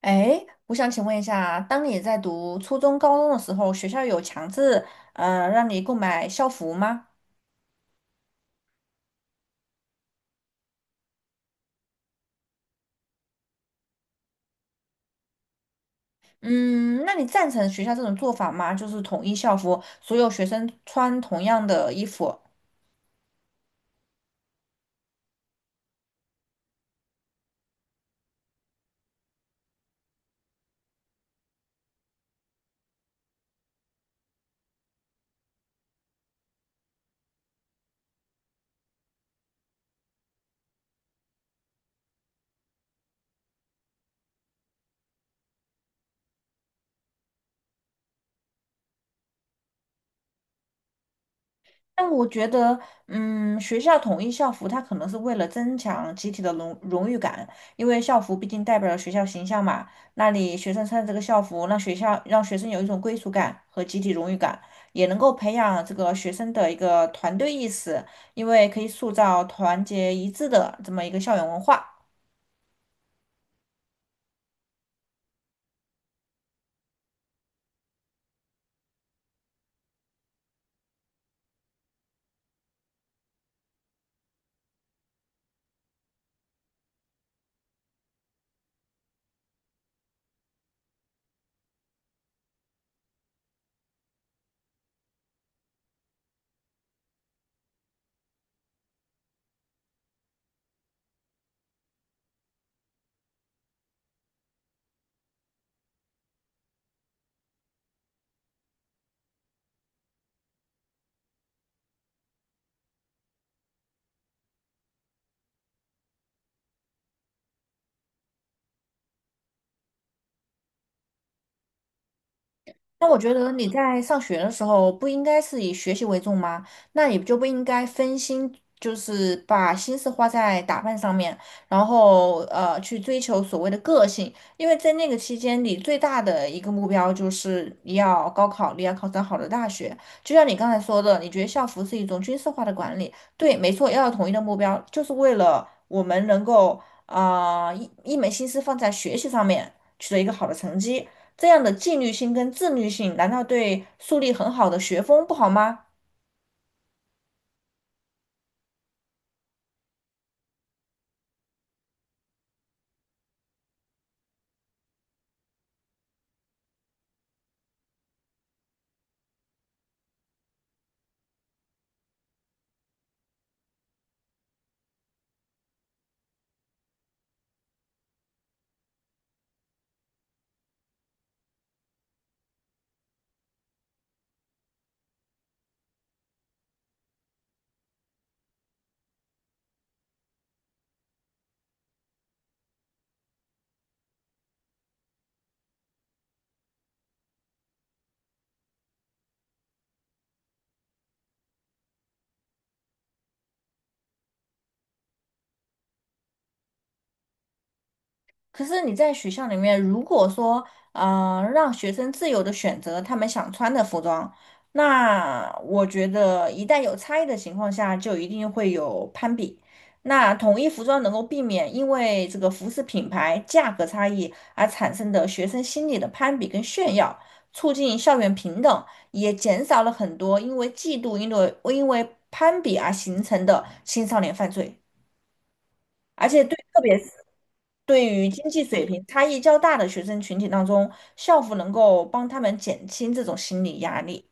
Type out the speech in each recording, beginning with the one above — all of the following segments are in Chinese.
哎，我想请问一下，当你在读初中、高中的时候，学校有强制让你购买校服吗？嗯，那你赞成学校这种做法吗？就是统一校服，所有学生穿同样的衣服，但我觉得，嗯，学校统一校服，它可能是为了增强集体的荣誉感，因为校服毕竟代表了学校形象嘛。那里学生穿这个校服，让学生有一种归属感和集体荣誉感，也能够培养这个学生的一个团队意识，因为可以塑造团结一致的这么一个校园文化。那我觉得你在上学的时候不应该是以学习为重吗？那你就不应该分心，就是把心思花在打扮上面，然后去追求所谓的个性，因为在那个期间，你最大的一个目标就是你要高考，你要考上好的大学。就像你刚才说的，你觉得校服是一种军事化的管理，对，没错，要有统一的目标，就是为了我们能够啊、呃一一门心思放在学习上面，取得一个好的成绩。这样的纪律性跟自律性，难道对树立很好的学风不好吗？可是你在学校里面，如果说让学生自由的选择他们想穿的服装，那我觉得一旦有差异的情况下，就一定会有攀比。那统一服装能够避免因为这个服饰品牌价格差异而产生的学生心理的攀比跟炫耀，促进校园平等，也减少了很多因为嫉妒、因为攀比而形成的青少年犯罪。而且对，特别是对于经济水平差异较大的学生群体当中，校服能够帮他们减轻这种心理压力。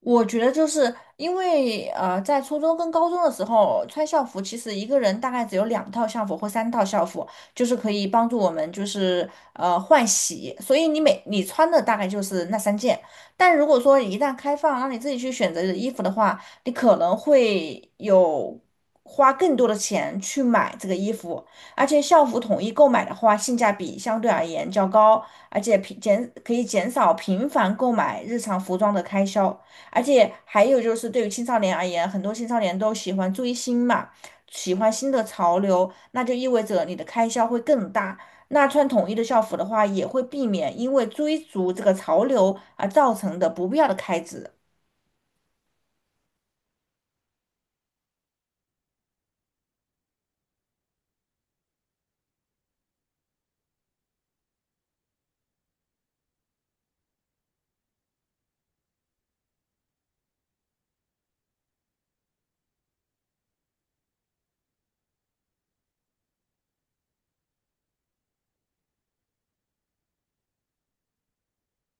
我觉得就是因为在初中跟高中的时候穿校服，其实一个人大概只有两套校服或三套校服，就是可以帮助我们就是换洗，所以你穿的大概就是那三件。但如果说一旦开放，让你自己去选择衣服的话，你可能会有花更多的钱去买这个衣服，而且校服统一购买的话，性价比相对而言较高，而且平减可以减少频繁购买日常服装的开销。而且还有就是，对于青少年而言，很多青少年都喜欢追星嘛，喜欢新的潮流，那就意味着你的开销会更大。那穿统一的校服的话，也会避免因为追逐这个潮流而造成的不必要的开支。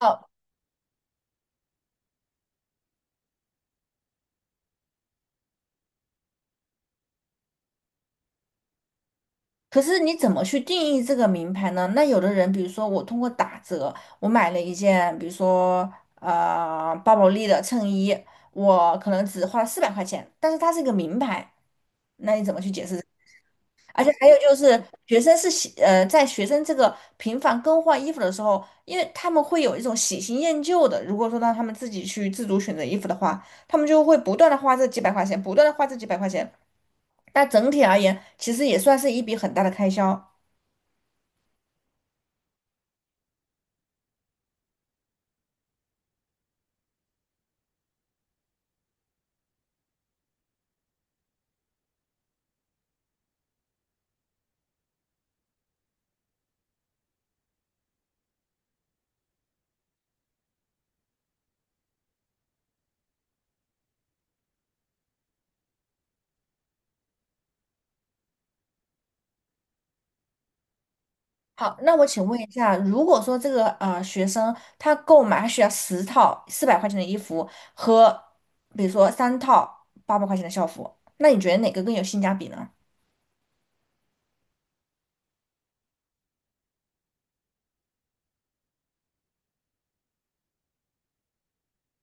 哦，可是你怎么去定义这个名牌呢？那有的人，比如说我通过打折，我买了一件，比如说巴宝莉的衬衣，我可能只花了四百块钱，但是它是一个名牌，那你怎么去解释？而且还有就是，学生是喜呃，在学生这个频繁更换衣服的时候，因为他们会有一种喜新厌旧的。如果说让他们自己去自主选择衣服的话，他们就会不断的花这几百块钱，不断的花这几百块钱。但整体而言，其实也算是一笔很大的开销。好，那我请问一下，如果说这个学生他购买他需要十套四百块钱的衣服和比如说3套800块钱的校服，那你觉得哪个更有性价比呢？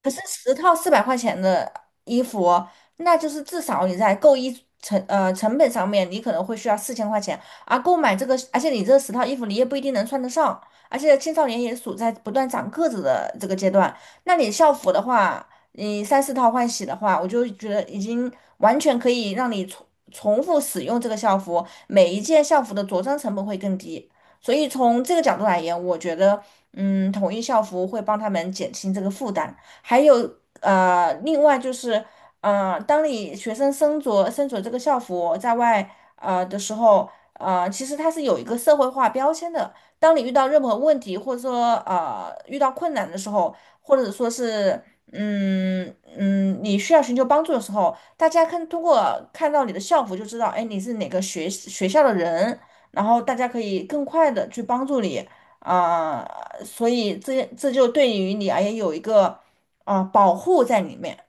可是十套四百块钱的衣服哦，那就是至少你在购衣成呃成本上面，你可能会需要4000块钱，而购买这个，而且你这十套衣服你也不一定能穿得上，而且青少年也处在不断长个子的这个阶段，那你校服的话，你三四套换洗的话，我就觉得已经完全可以让你重复使用这个校服，每一件校服的着装成本会更低，所以从这个角度来言，我觉得嗯，统一校服会帮他们减轻这个负担。还有另外就是，当你学生身着这个校服在外的时候，其实它是有一个社会化标签的。当你遇到任何问题，或者说遇到困难的时候，或者说是你需要寻求帮助的时候，大家通过看到你的校服就知道，哎，你是哪个学校的人，然后大家可以更快的去帮助你。啊、所以这就对于你而言有一个保护在里面。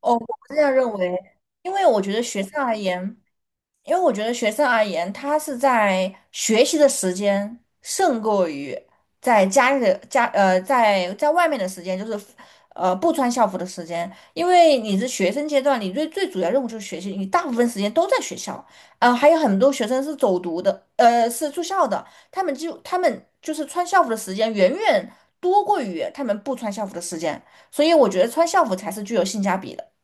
哦，我不是这样认为，因为我觉得学生而言，因为我觉得学生而言，他是在学习的时间胜过于在家里的家呃在在外面的时间，就是不穿校服的时间，因为你是学生阶段，你最主要任务就是学习，你大部分时间都在学校，还有很多学生是走读的，是住校的，他们就是穿校服的时间远远多过于他们不穿校服的时间。所以我觉得穿校服才是具有性价比的。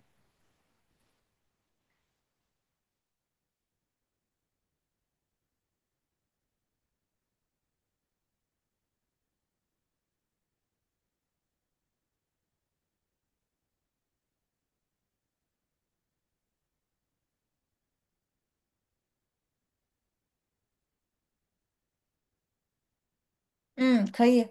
嗯，可以，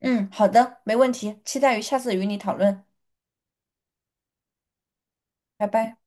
嗯，好的，没问题，期待于下次与你讨论，拜拜。